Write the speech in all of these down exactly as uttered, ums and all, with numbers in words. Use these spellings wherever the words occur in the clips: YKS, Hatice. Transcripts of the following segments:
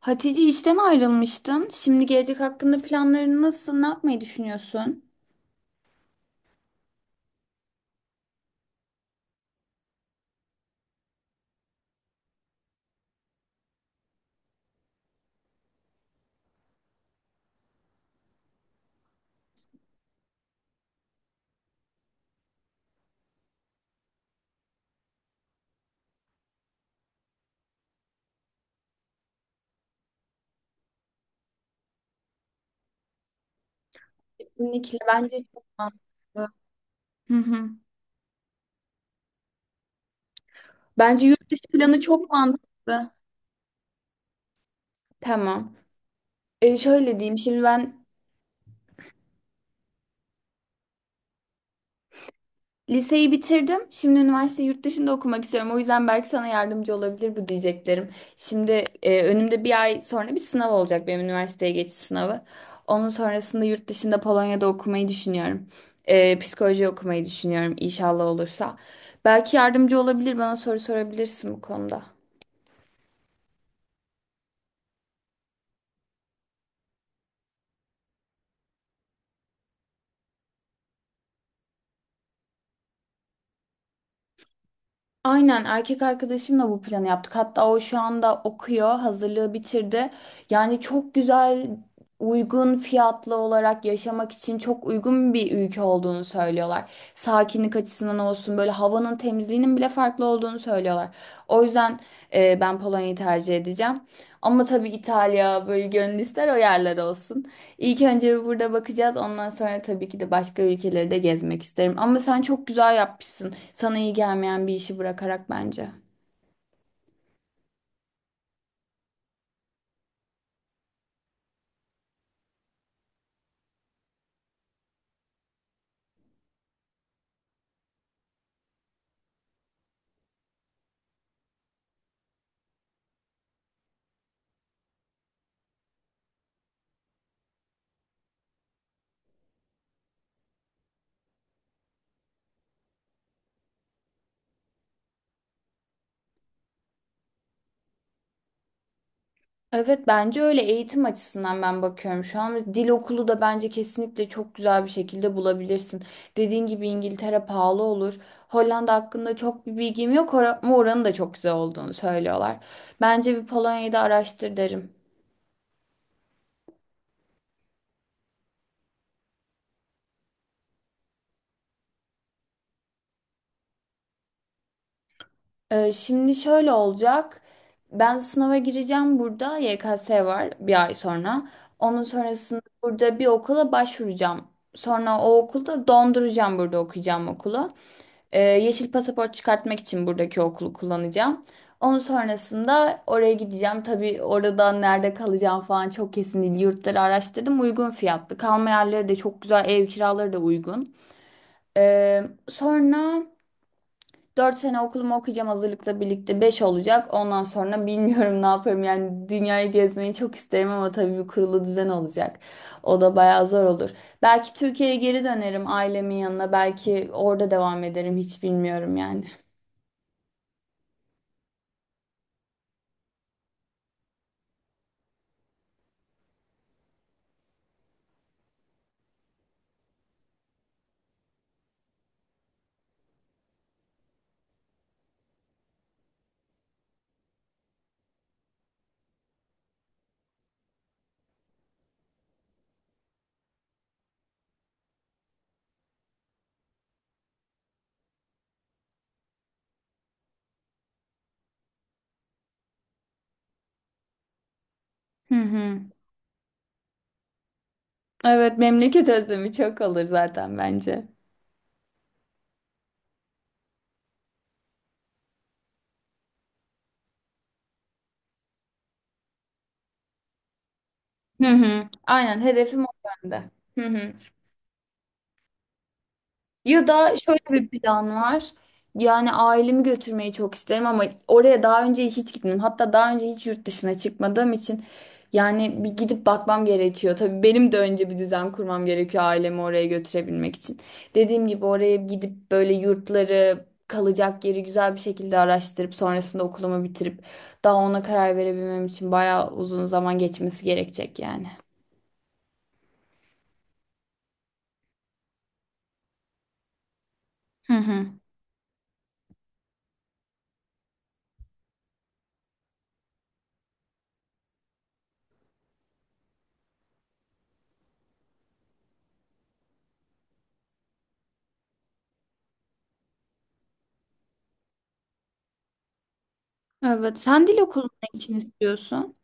Hatice işten ayrılmıştın. Şimdi gelecek hakkında planların nasıl? Ne yapmayı düşünüyorsun? Kesinlikle bence çok mantıklı. Hı hı. Bence yurt dışı planı çok mantıklı. Tamam. E, şöyle diyeyim. Şimdi ben liseyi bitirdim. Şimdi üniversite yurt dışında okumak istiyorum. O yüzden belki sana yardımcı olabilir bu diyeceklerim. Şimdi e, önümde bir ay sonra bir sınav olacak, benim üniversiteye geçiş sınavı. Onun sonrasında yurt dışında Polonya'da okumayı düşünüyorum. E, psikoloji okumayı düşünüyorum, inşallah olursa. Belki yardımcı olabilir, bana soru sorabilirsin bu konuda. Aynen, erkek arkadaşımla bu planı yaptık. Hatta o şu anda okuyor, hazırlığı bitirdi. Yani çok güzel, uygun fiyatlı olarak yaşamak için çok uygun bir ülke olduğunu söylüyorlar. Sakinlik açısından olsun, böyle havanın temizliğinin bile farklı olduğunu söylüyorlar. O yüzden e, ben Polonya'yı tercih edeceğim. Ama tabii İtalya, böyle gönül ister o yerler olsun. İlk önce burada bakacağız. Ondan sonra tabii ki de başka ülkeleri de gezmek isterim. Ama sen çok güzel yapmışsın. Sana iyi gelmeyen bir işi bırakarak, bence. Evet, bence öyle. Eğitim açısından ben bakıyorum şu an. Dil okulu da bence kesinlikle çok güzel bir şekilde bulabilirsin. Dediğin gibi İngiltere pahalı olur. Hollanda hakkında çok bir bilgim yok ora- ama oranın da çok güzel olduğunu söylüyorlar. Bence bir Polonya'yı da araştır derim. Ee, şimdi şöyle olacak. Ben sınava gireceğim burada. Y K S var bir ay sonra. Onun sonrasında burada bir okula başvuracağım. Sonra o okulda donduracağım burada okuyacağım okulu. Ee, yeşil pasaport çıkartmak için buradaki okulu kullanacağım. Onun sonrasında oraya gideceğim. Tabii oradan nerede kalacağım falan çok kesin değil. Yurtları araştırdım. Uygun fiyatlı. Kalma yerleri de çok güzel. Ev kiraları da uygun. Ee, sonra... Dört sene okulumu okuyacağım, hazırlıkla birlikte beş olacak. Ondan sonra bilmiyorum ne yaparım. Yani dünyayı gezmeyi çok isterim ama tabii bir kurulu düzen olacak. O da bayağı zor olur. Belki Türkiye'ye geri dönerim, ailemin yanına. Belki orada devam ederim. Hiç bilmiyorum yani. Hı hı. Evet, memleket özlemi çok olur zaten bence. Hı hı. Aynen, hedefim o bende. Hı hı. Ya da şöyle bir plan var. Yani ailemi götürmeyi çok isterim ama oraya daha önce hiç gitmedim. Hatta daha önce hiç yurt dışına çıkmadığım için yani bir gidip bakmam gerekiyor. Tabii benim de önce bir düzen kurmam gerekiyor ailemi oraya götürebilmek için. Dediğim gibi, oraya gidip böyle yurtları, kalacak yeri güzel bir şekilde araştırıp sonrasında okulumu bitirip daha ona karar verebilmem için bayağı uzun zaman geçmesi gerekecek yani. Hı hı. Evet, sen dil okulunu ne için istiyorsun?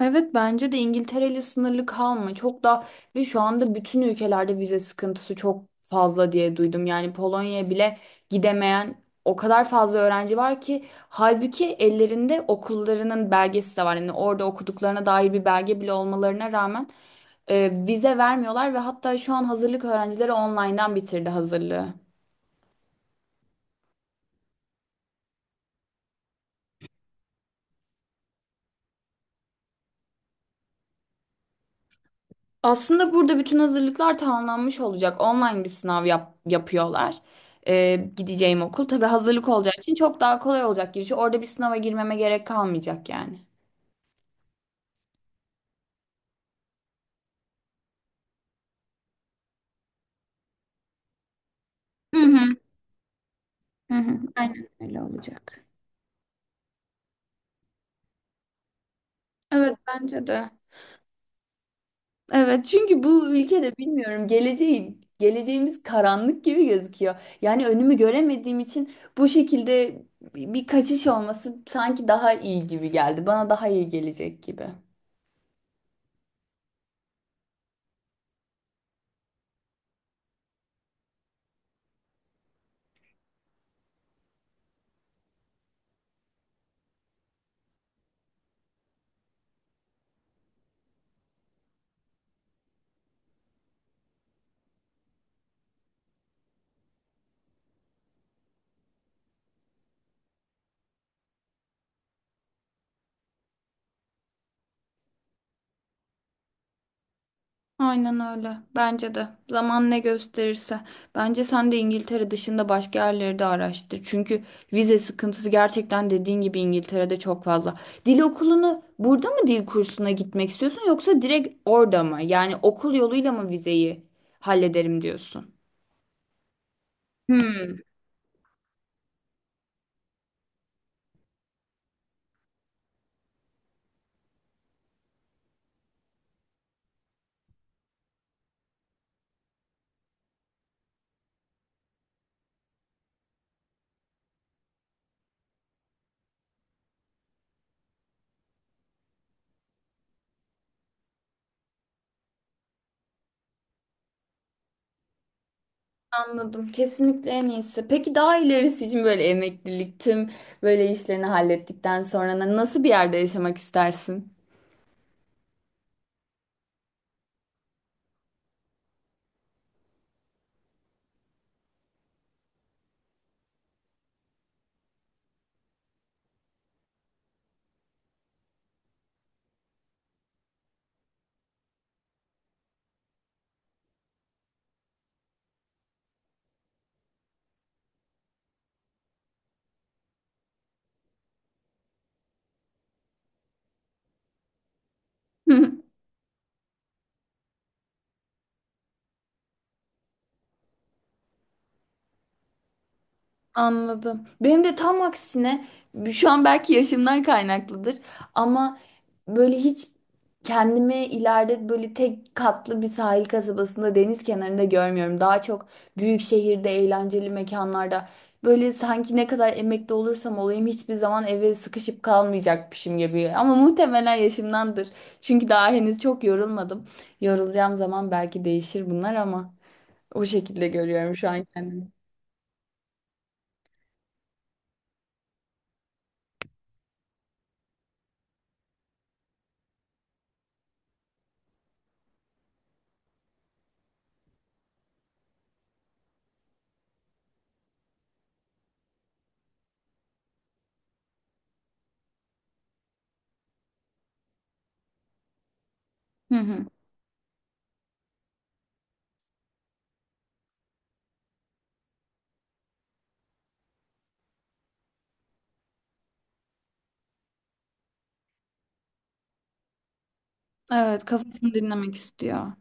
Evet, bence de İngiltere ile sınırlı kalma. Çok da, ve şu anda bütün ülkelerde vize sıkıntısı çok fazla diye duydum. Yani Polonya'ya bile gidemeyen o kadar fazla öğrenci var ki, halbuki ellerinde okullarının belgesi de var. Yani orada okuduklarına dair bir belge bile olmalarına rağmen e, vize vermiyorlar. Ve hatta şu an hazırlık öğrencileri online'dan bitirdi hazırlığı. Aslında burada bütün hazırlıklar tamamlanmış olacak. Online bir sınav yap- yapıyorlar. Ee, gideceğim okul, tabii hazırlık olacağı için çok daha kolay olacak girişi. Orada bir sınava girmeme gerek kalmayacak yani. Hı hı, hı hı. Aynen öyle olacak. Evet, bence de. Evet, çünkü bu ülkede bilmiyorum, geleceği geleceğimiz karanlık gibi gözüküyor. Yani önümü göremediğim için bu şekilde bir bir kaçış olması sanki daha iyi gibi geldi. Bana daha iyi gelecek gibi. Aynen öyle. Bence de. Zaman ne gösterirse. Bence sen de İngiltere dışında başka yerleri de araştır. Çünkü vize sıkıntısı gerçekten dediğin gibi İngiltere'de çok fazla. Dil okulunu burada mı, dil kursuna gitmek istiyorsun yoksa direkt orada mı? Yani okul yoluyla mı vizeyi hallederim diyorsun? Hmm, anladım. Kesinlikle en iyisi. Peki daha ilerisi için böyle emeklilik, tüm böyle işlerini hallettikten sonra nasıl bir yerde yaşamak istersin? Anladım. Benim de tam aksine şu an, belki yaşımdan kaynaklıdır ama böyle hiç kendimi ileride böyle tek katlı bir sahil kasabasında deniz kenarında görmüyorum. Daha çok büyük şehirde, eğlenceli mekanlarda, böyle sanki ne kadar emekli olursam olayım hiçbir zaman eve sıkışıp kalmayacakmışım gibi. Ama muhtemelen yaşımdandır. Çünkü daha henüz çok yorulmadım. Yorulacağım zaman belki değişir bunlar ama o şekilde görüyorum şu an kendimi. Hı hı. Evet, kafasını dinlemek istiyor.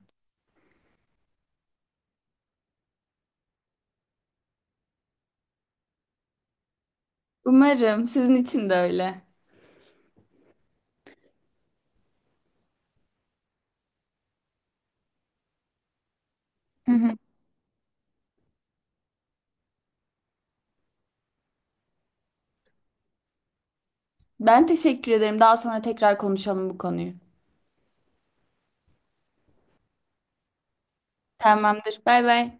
Umarım sizin için de öyle. Hı hı. Ben teşekkür ederim. Daha sonra tekrar konuşalım bu konuyu. Tamamdır. Bay bay.